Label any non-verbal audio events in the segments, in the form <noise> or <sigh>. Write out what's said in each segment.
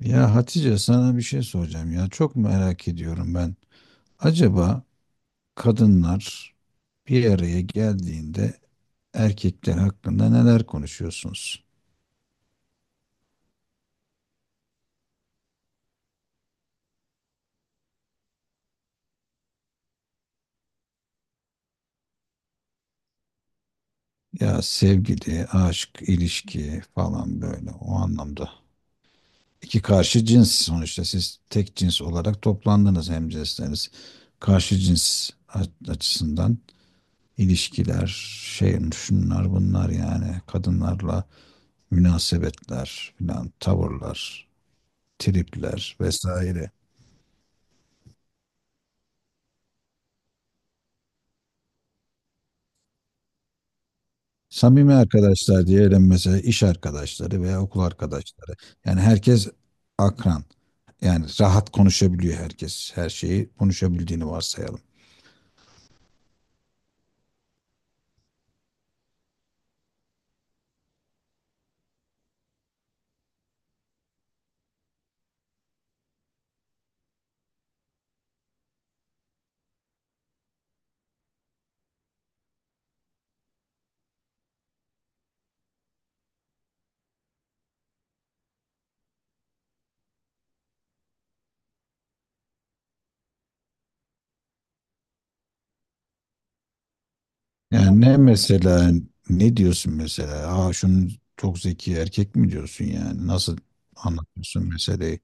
Ya Hatice sana bir şey soracağım ya. Çok merak ediyorum ben. Acaba kadınlar bir araya geldiğinde erkekler hakkında neler konuşuyorsunuz? Ya sevgili, aşk, ilişki falan böyle o anlamda. İki karşı cins sonuçta siz tek cins olarak toplandınız hemcinsleriniz. Karşı cins açısından ilişkiler, şey şunlar bunlar yani kadınlarla münasebetler filan tavırlar, tripler vesaire. Samimi arkadaşlar diyelim, mesela iş arkadaşları veya okul arkadaşları. Yani herkes akran. Yani rahat konuşabiliyor herkes. Her şeyi konuşabildiğini varsayalım. Yani ne mesela, ne diyorsun mesela? Aa, şunun çok zeki erkek mi diyorsun yani? Nasıl anlatıyorsun meseleyi?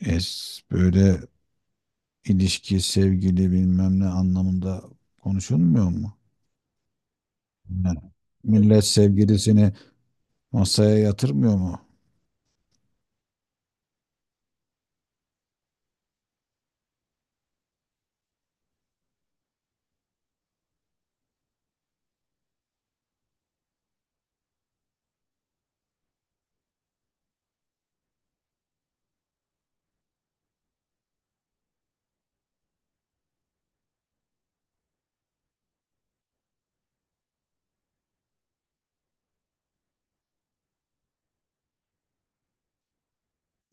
Es böyle ilişki, sevgili bilmem ne anlamında konuşulmuyor mu? Yani millet sevgilisini masaya yatırmıyor mu?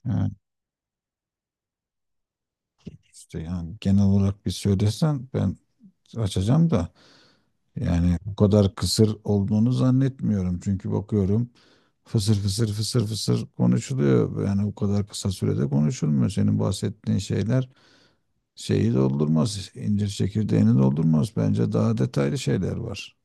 Ha, işte yani genel olarak bir söylesen ben açacağım da, yani bu kadar kısır olduğunu zannetmiyorum. Çünkü bakıyorum fısır fısır fısır fısır konuşuluyor. Yani o kadar kısa sürede konuşulmuyor. Senin bahsettiğin şeyler şeyi doldurmaz, incir çekirdeğini doldurmaz. Bence daha detaylı şeyler var.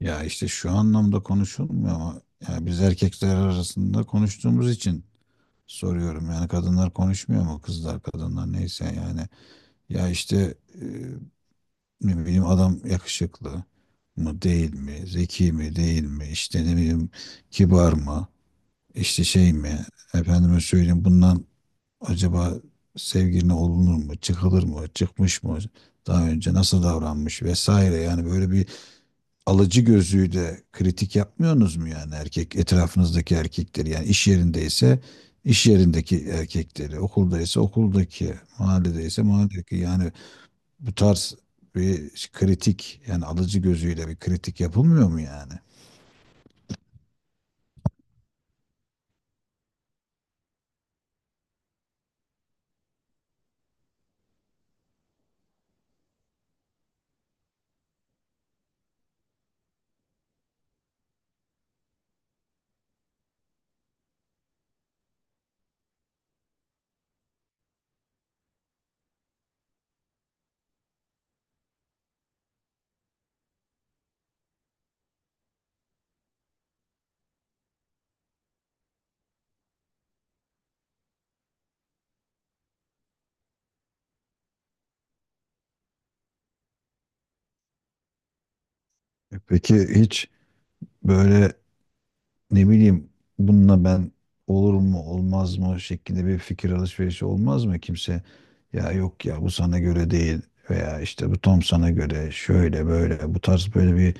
Ya işte şu anlamda konuşulmuyor ama ya biz erkekler arasında konuştuğumuz için soruyorum. Yani kadınlar konuşmuyor mu? Kızlar, kadınlar neyse yani. Ya işte ne bileyim adam yakışıklı mı değil mi? Zeki mi değil mi? İşte ne bileyim kibar mı? İşte şey mi? Efendime söyleyeyim, bundan acaba sevgiline olunur mu? Çıkılır mı? Çıkmış mı? Daha önce nasıl davranmış vesaire, yani böyle bir alıcı gözüyle kritik yapmıyorsunuz mu, yani erkek etrafınızdaki erkekleri, yani iş yerindeyse iş yerindeki erkekleri, okuldaysa okuldaki, mahalledeyse mahalledeki, yani bu tarz bir kritik, yani alıcı gözüyle bir kritik yapılmıyor mu yani? E peki, hiç böyle ne bileyim bununla ben olur mu olmaz mı şeklinde bir fikir alışverişi olmaz mı kimse? Ya yok ya bu sana göre değil, veya işte bu tam sana göre şöyle böyle, bu tarz böyle bir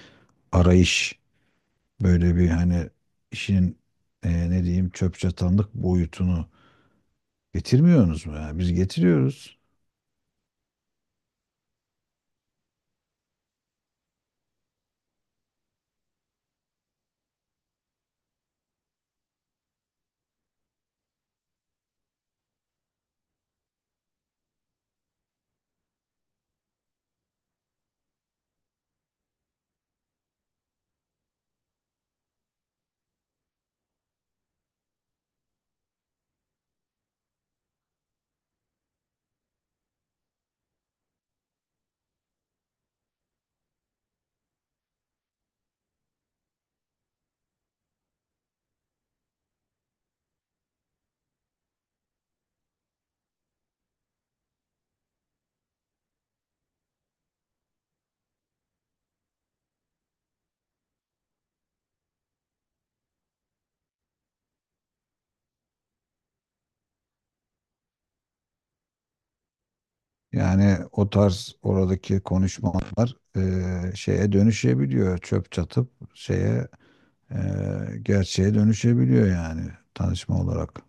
arayış, böyle bir hani işin ne diyeyim çöp çatanlık boyutunu getirmiyorsunuz mu? Yani biz getiriyoruz. Yani o tarz oradaki konuşmalar şeye dönüşebiliyor. Çöp çatıp şeye e, gerçeğe dönüşebiliyor, yani tanışma olarak.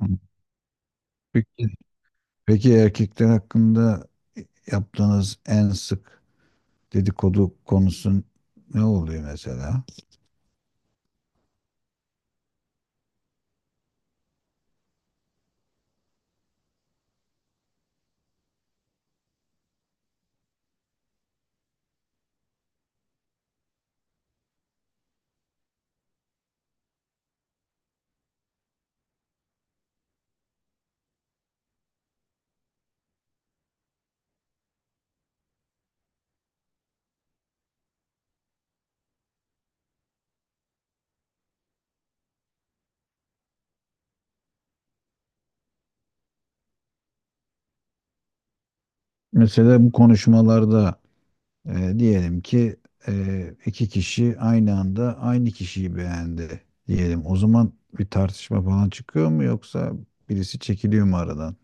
Hı. Peki, peki erkekler hakkında yaptığınız en sık dedikodu konusun ne oluyor mesela? Mesela bu konuşmalarda, diyelim ki iki kişi aynı anda aynı kişiyi beğendi diyelim. O zaman bir tartışma falan çıkıyor mu, yoksa birisi çekiliyor mu aradan?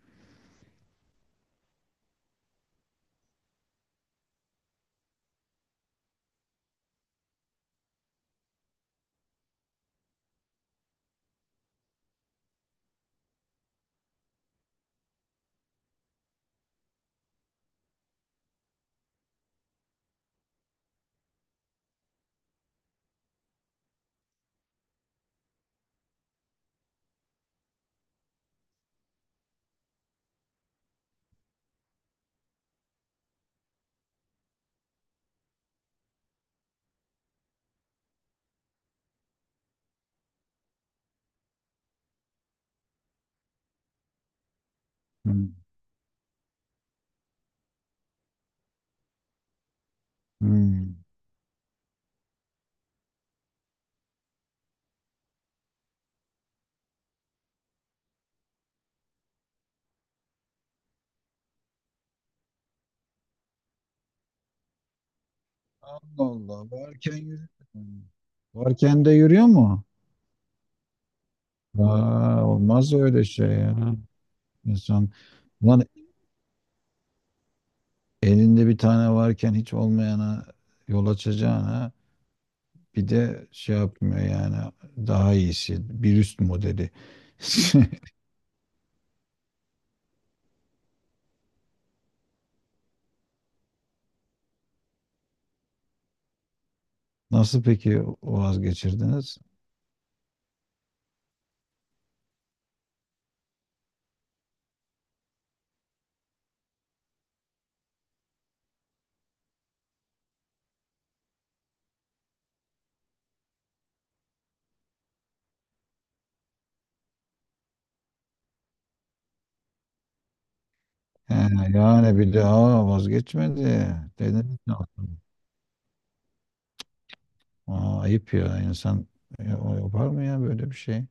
Hmm. Hmm. Allah Allah. Varken yürüyor mu? Varken de yürüyor mu? Aa, olmaz öyle şey ya. İnsan lan, elinde bir tane varken hiç olmayana yol açacağına bir de şey yapmıyor yani, daha iyisi, bir üst modeli. <laughs> Nasıl peki vazgeçirdiniz? He, yani bir daha vazgeçmedi. Dediniz ne yaptın? Aa, ayıp ya, insan ya, o yapar mı ya böyle bir şey?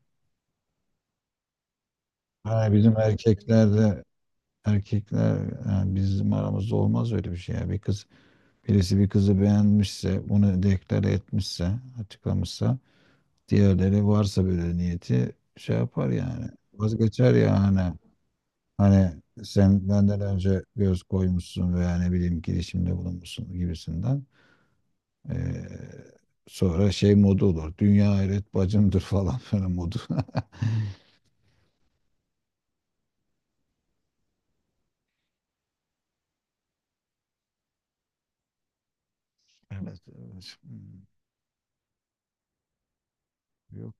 Ha, bizim erkeklerde, erkekler yani bizim aramızda olmaz öyle bir şey ya. Bir kız, birisi bir kızı beğenmişse, bunu deklare etmişse, açıklamışsa, diğerleri varsa böyle niyeti şey yapar yani, vazgeçer yani. Hani sen benden önce göz koymuşsun veya ne bileyim girişimde bulunmuşsun gibisinden. Ee, sonra şey modu olur. Dünya hayret bacımdır <laughs> falan böyle modu. <laughs> Evet, evet. Hmm. Yok.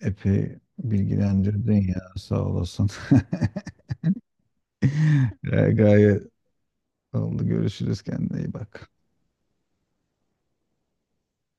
Epey bilgilendirdin ya, sağ olasın. <laughs> Ya, gayet oldu. Görüşürüz, kendine iyi bak.